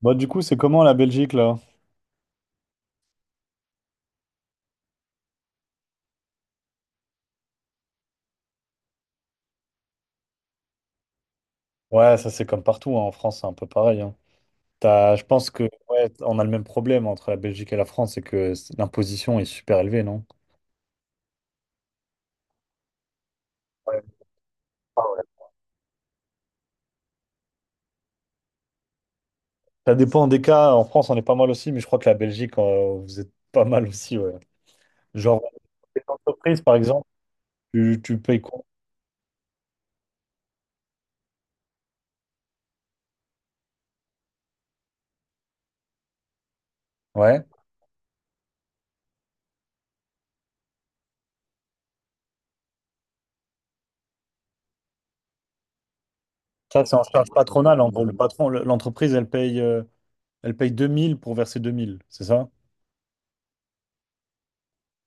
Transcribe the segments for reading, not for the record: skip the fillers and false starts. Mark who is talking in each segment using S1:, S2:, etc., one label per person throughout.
S1: Bah, du coup, c'est comment la Belgique là? Ouais, ça c'est comme partout hein, en France, c'est un peu pareil, hein. Je pense que ouais, on a le même problème entre la Belgique et la France, c'est que l'imposition est super élevée, non? Ouais. Ah ouais. Ça dépend des cas. En France, on est pas mal aussi, mais je crois que la Belgique, vous êtes pas mal aussi, ouais. Genre, les entreprises, par exemple, tu payes quoi? Ouais. Ça, c'est en charge patronale, en gros. Le patron, l'entreprise, elle paye, elle paye 2000 pour verser 2000, c'est ça?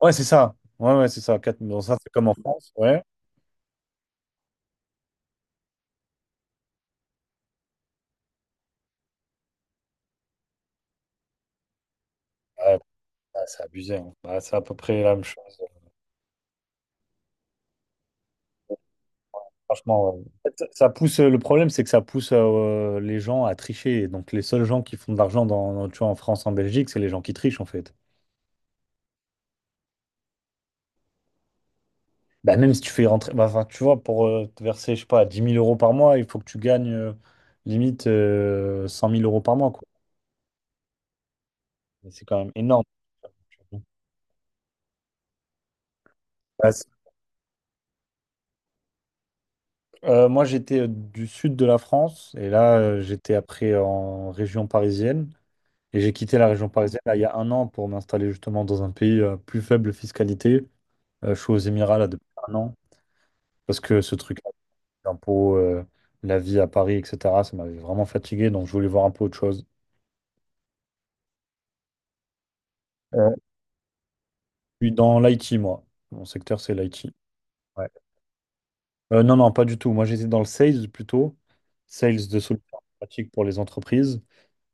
S1: Ouais, c'est ça. Ouais, ouais, c'est ça. 4 000. Donc ça, c'est comme en France, ouais. Ah, c'est abusé, hein. Bah, c'est à peu près la même chose. Franchement, ouais. En fait, ça pousse, le problème, c'est que ça pousse les gens à tricher. Et donc, les seuls gens qui font de l'argent tu vois, en France, en Belgique, c'est les gens qui trichent, en fait. Bah, même si tu fais rentrer, bah, enfin, tu vois, pour te verser, je sais pas, 10 000 euros par mois, il faut que tu gagnes limite 100 000 euros par mois, quoi. Et c'est quand même énorme. Bah, c'est- Moi, j'étais du sud de la France et là, j'étais après en région parisienne. Et j'ai quitté la région parisienne là, il y a un an pour m'installer justement dans un pays plus faible fiscalité. Je suis aux Émirats là depuis un an parce que ce truc-là, les impôts, la vie à Paris, etc., ça m'avait vraiment fatigué donc je voulais voir un peu autre chose. Euh, je suis dans l'IT, moi. Mon secteur, c'est l'IT. Ouais. Non, non, pas du tout. Moi, j'étais dans le sales plutôt, sales de solutions pratiques pour les entreprises.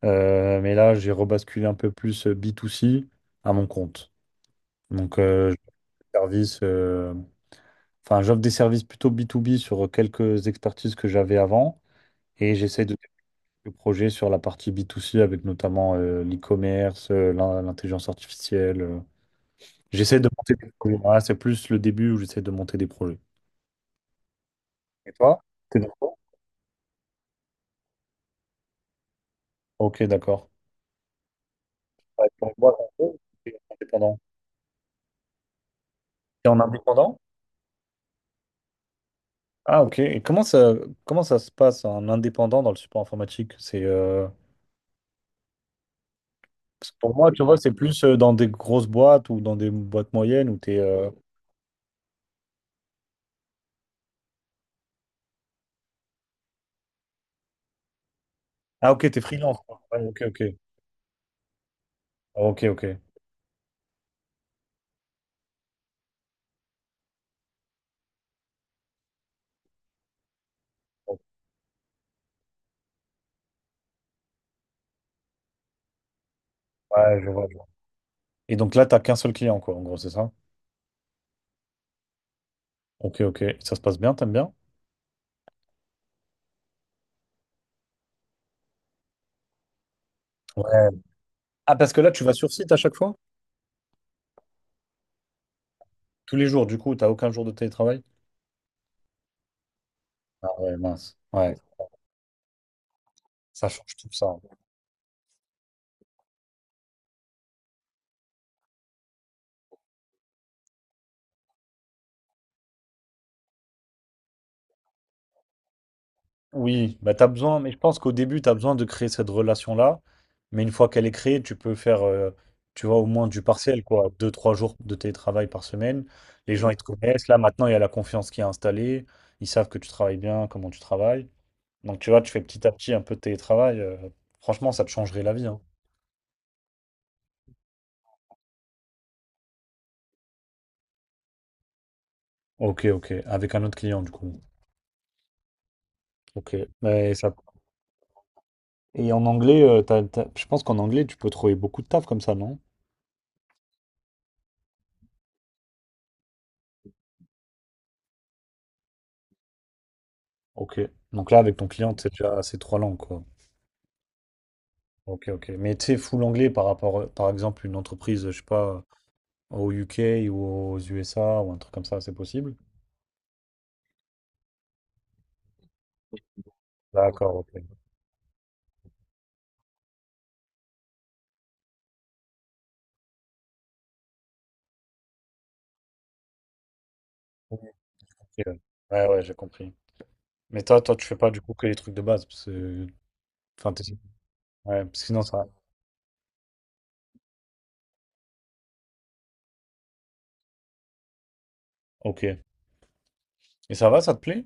S1: Mais là, j'ai rebasculé un peu plus B2C à mon compte. Donc, service. Enfin, j'offre des services plutôt b to b sur quelques expertises que j'avais avant et j'essaie de développer le projet sur la partie b to c avec notamment l'e-commerce, l'intelligence artificielle. J'essaie de monter des projets. Voilà, c'est plus le début où j'essaie de monter des projets. Et toi, t'es d'accord? Ok, d'accord. Ouais, pour une boîte, en gros, t'es indépendant. T'es en indépendant? Ah, ok. Et comment ça se passe, un indépendant dans le support informatique? Parce que pour moi, tu vois, c'est plus dans des grosses boîtes ou dans des boîtes moyennes où tu es. Ah, ok, t'es freelance, quoi. Ouais, ok, ok. Ah, ok, ok. Ouais, je vois, je vois. Et donc là, t'as qu'un seul client, quoi, en gros, c'est ça? Ok, ok. Ça se passe bien, t'aimes bien? Ouais. Ah, parce que là, tu vas sur site à chaque fois? Tous les jours, du coup, t'as aucun jour de télétravail? Ah ouais, mince. Ouais, ça change tout ça. Oui, bah t'as besoin, mais je pense qu'au début, t'as besoin de créer cette relation-là. Mais une fois qu'elle est créée, tu peux faire, tu vois, au moins du partiel, quoi. 2, 3 jours de télétravail par semaine. Les gens, ils te connaissent. Là, maintenant, il y a la confiance qui est installée. Ils savent que tu travailles bien, comment tu travailles. Donc tu vois, tu fais petit à petit un peu de télétravail. Franchement, ça te changerait la vie, hein. Ok, ok. Avec un autre client, du coup. Ok. Mais ça... Et en anglais, je pense qu'en anglais, tu peux trouver beaucoup de taf comme ça, non? Ok. Donc là, avec ton client, c'est déjà ces trois langues, quoi. Ok, ok. Mais tu sais, full anglais par rapport, par exemple, une entreprise, je sais pas, au UK ou aux USA ou un truc comme ça, c'est possible? D'accord, ok. Ok, ouais, ouais, ouais, j'ai compris. Mais toi, toi, tu fais pas du coup que les trucs de base, parce que... Enfin, t'essaies- ouais, parce que sinon ça... Ok. Et ça va, ça te plaît?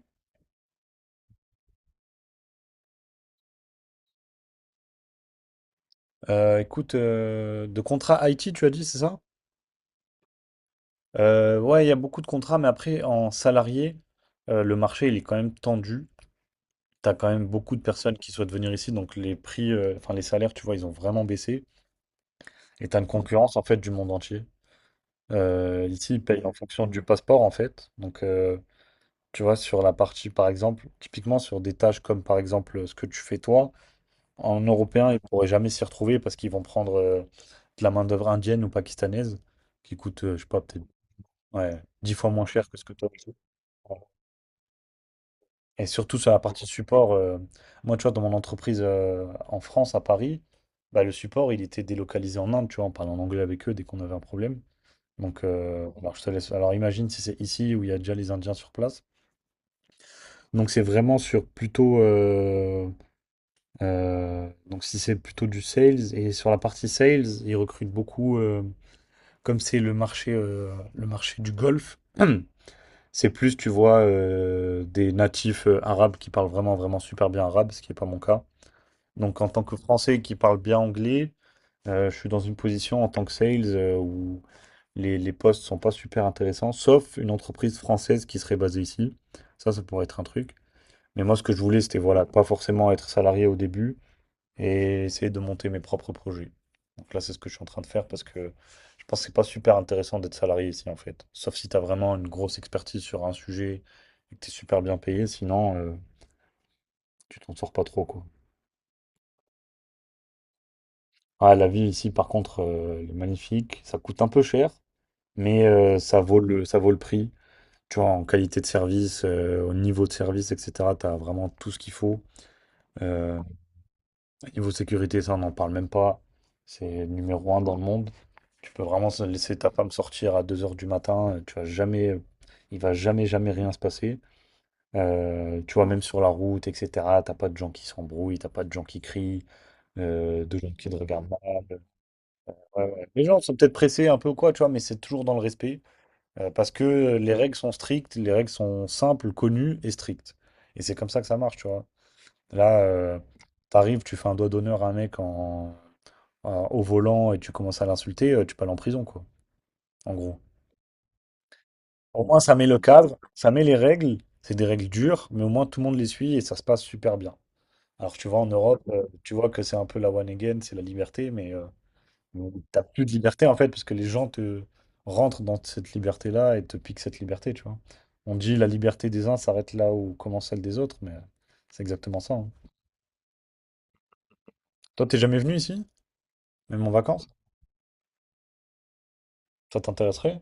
S1: Écoute, de contrat IT, tu as dit, c'est ça? Ouais, il y a beaucoup de contrats, mais après, en salarié, le marché, il est quand même tendu. T'as quand même beaucoup de personnes qui souhaitent venir ici, donc les prix, enfin les salaires, tu vois, ils ont vraiment baissé. Et t'as une concurrence, en fait, du monde entier. Ici, ils payent en fonction du passeport, en fait. Donc, tu vois, sur la partie, par exemple, typiquement sur des tâches comme, par exemple, ce que tu fais toi. En européen, ils ne pourraient jamais s'y retrouver parce qu'ils vont prendre de la main-d'œuvre indienne ou pakistanaise qui coûte, je sais pas, peut-être ouais, 10 fois moins cher que ce que toi, tu sais. Et surtout sur la partie support, moi, tu vois, dans mon entreprise en France, à Paris, bah, le support, il était délocalisé en Inde, tu vois, on parlait en anglais avec eux dès qu'on avait un problème. Donc, alors, je te laisse. Alors, imagine si c'est ici où il y a déjà les Indiens sur place. Donc, c'est vraiment sur plutôt. Donc si c'est plutôt du sales, et sur la partie sales, ils recrutent beaucoup, comme c'est le marché du golf, c'est plus, tu vois, des natifs arabes qui parlent vraiment, vraiment super bien arabe, ce qui n'est pas mon cas. Donc en tant que Français qui parle bien anglais, je suis dans une position en tant que sales où les postes sont pas super intéressants, sauf une entreprise française qui serait basée ici. Ça pourrait être un truc. Mais moi, ce que je voulais, c'était voilà, pas forcément être salarié au début, et essayer de monter mes propres projets. Donc là, c'est ce que je suis en train de faire parce que je pense que c'est pas super intéressant d'être salarié ici en fait. Sauf si tu as vraiment une grosse expertise sur un sujet et que tu es super bien payé, sinon tu t'en sors pas trop quoi. Ah, la vie ici par contre, elle est magnifique. Ça coûte un peu cher, mais ça vaut le prix. Tu vois, en qualité de service, au niveau de service, etc., tu as vraiment tout ce qu'il faut. Euh, Niveau sécurité, ça, on n'en parle même pas. C'est numéro un dans le monde. Tu peux vraiment laisser ta femme sortir à 2 heures du matin. Tu vas jamais, il va jamais, jamais rien se passer. Tu vois, même sur la route, etc. T'as pas de gens qui s'embrouillent, t'as pas de gens qui crient, de gens qui te regardent mal. Ouais, ouais. Les gens sont peut-être pressés un peu ou quoi, tu vois, mais c'est toujours dans le respect. Parce que les règles sont strictes, les règles sont simples, connues et strictes. Et c'est comme ça que ça marche, tu vois. Là, t'arrives, tu fais un doigt d'honneur à un mec en au volant et tu commences à l'insulter, tu peux aller en prison, quoi, en gros. Au moins, ça met le cadre, ça met les règles. C'est des règles dures, mais au moins tout le monde les suit et ça se passe super bien. Alors, tu vois, en Europe, tu vois que c'est un peu la one again, c'est la liberté, mais bon, t'as plus de liberté en fait, parce que les gens te rentrent dans cette liberté-là et te piquent cette liberté, tu vois. On dit la liberté des uns s'arrête là où commence celle des autres, mais c'est exactement ça, hein. Toi, t'es jamais venu ici, même en vacances? Ça t'intéresserait?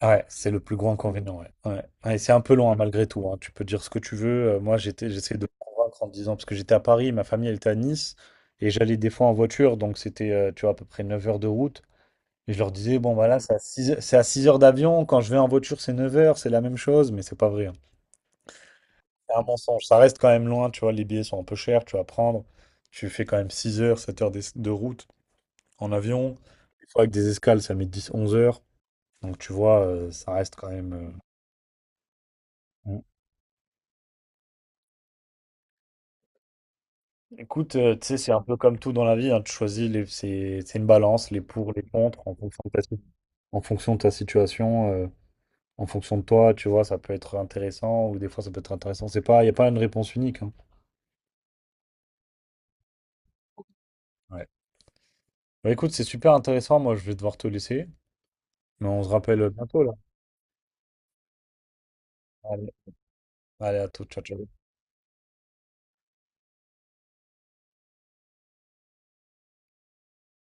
S1: Ouais, c'est le plus gros inconvénient, ouais. Ouais. Ouais, et c'est un peu long, hein, malgré tout, hein. Tu peux dire ce que tu veux. Moi, j'étais, j'essayais de me convaincre en me disant, parce que j'étais à Paris, ma famille, elle était à Nice, et j'allais des fois en voiture, donc c'était, tu vois, à peu près 9 heures de route. Et je leur disais, bon, voilà, c'est à 6 heures d'avion. Quand je vais en voiture, c'est 9 heures, c'est la même chose, mais c'est pas vrai, hein. C'est un mensonge. Ça reste quand même loin, tu vois, les billets sont un peu chers, tu vas prendre. Tu fais quand même 6 heures, 7 heures de route en avion. Des fois, avec des escales, ça met 10, 11 heures. Donc, tu vois, ça reste quand même. euh, Écoute, tu sais, c'est un peu comme tout dans la vie, hein, tu choisis, c'est une balance, les pour, les contre, en fonction de ta, si- en fonction de ta situation, en fonction de toi, tu vois, ça peut être intéressant, ou des fois ça peut être intéressant, c'est pas, il n'y a pas une réponse unique, hein. Ouais. Bah, écoute, c'est super intéressant, moi je vais devoir te laisser, mais on se rappelle bientôt, là. Allez, allez, à tout, ciao, ciao.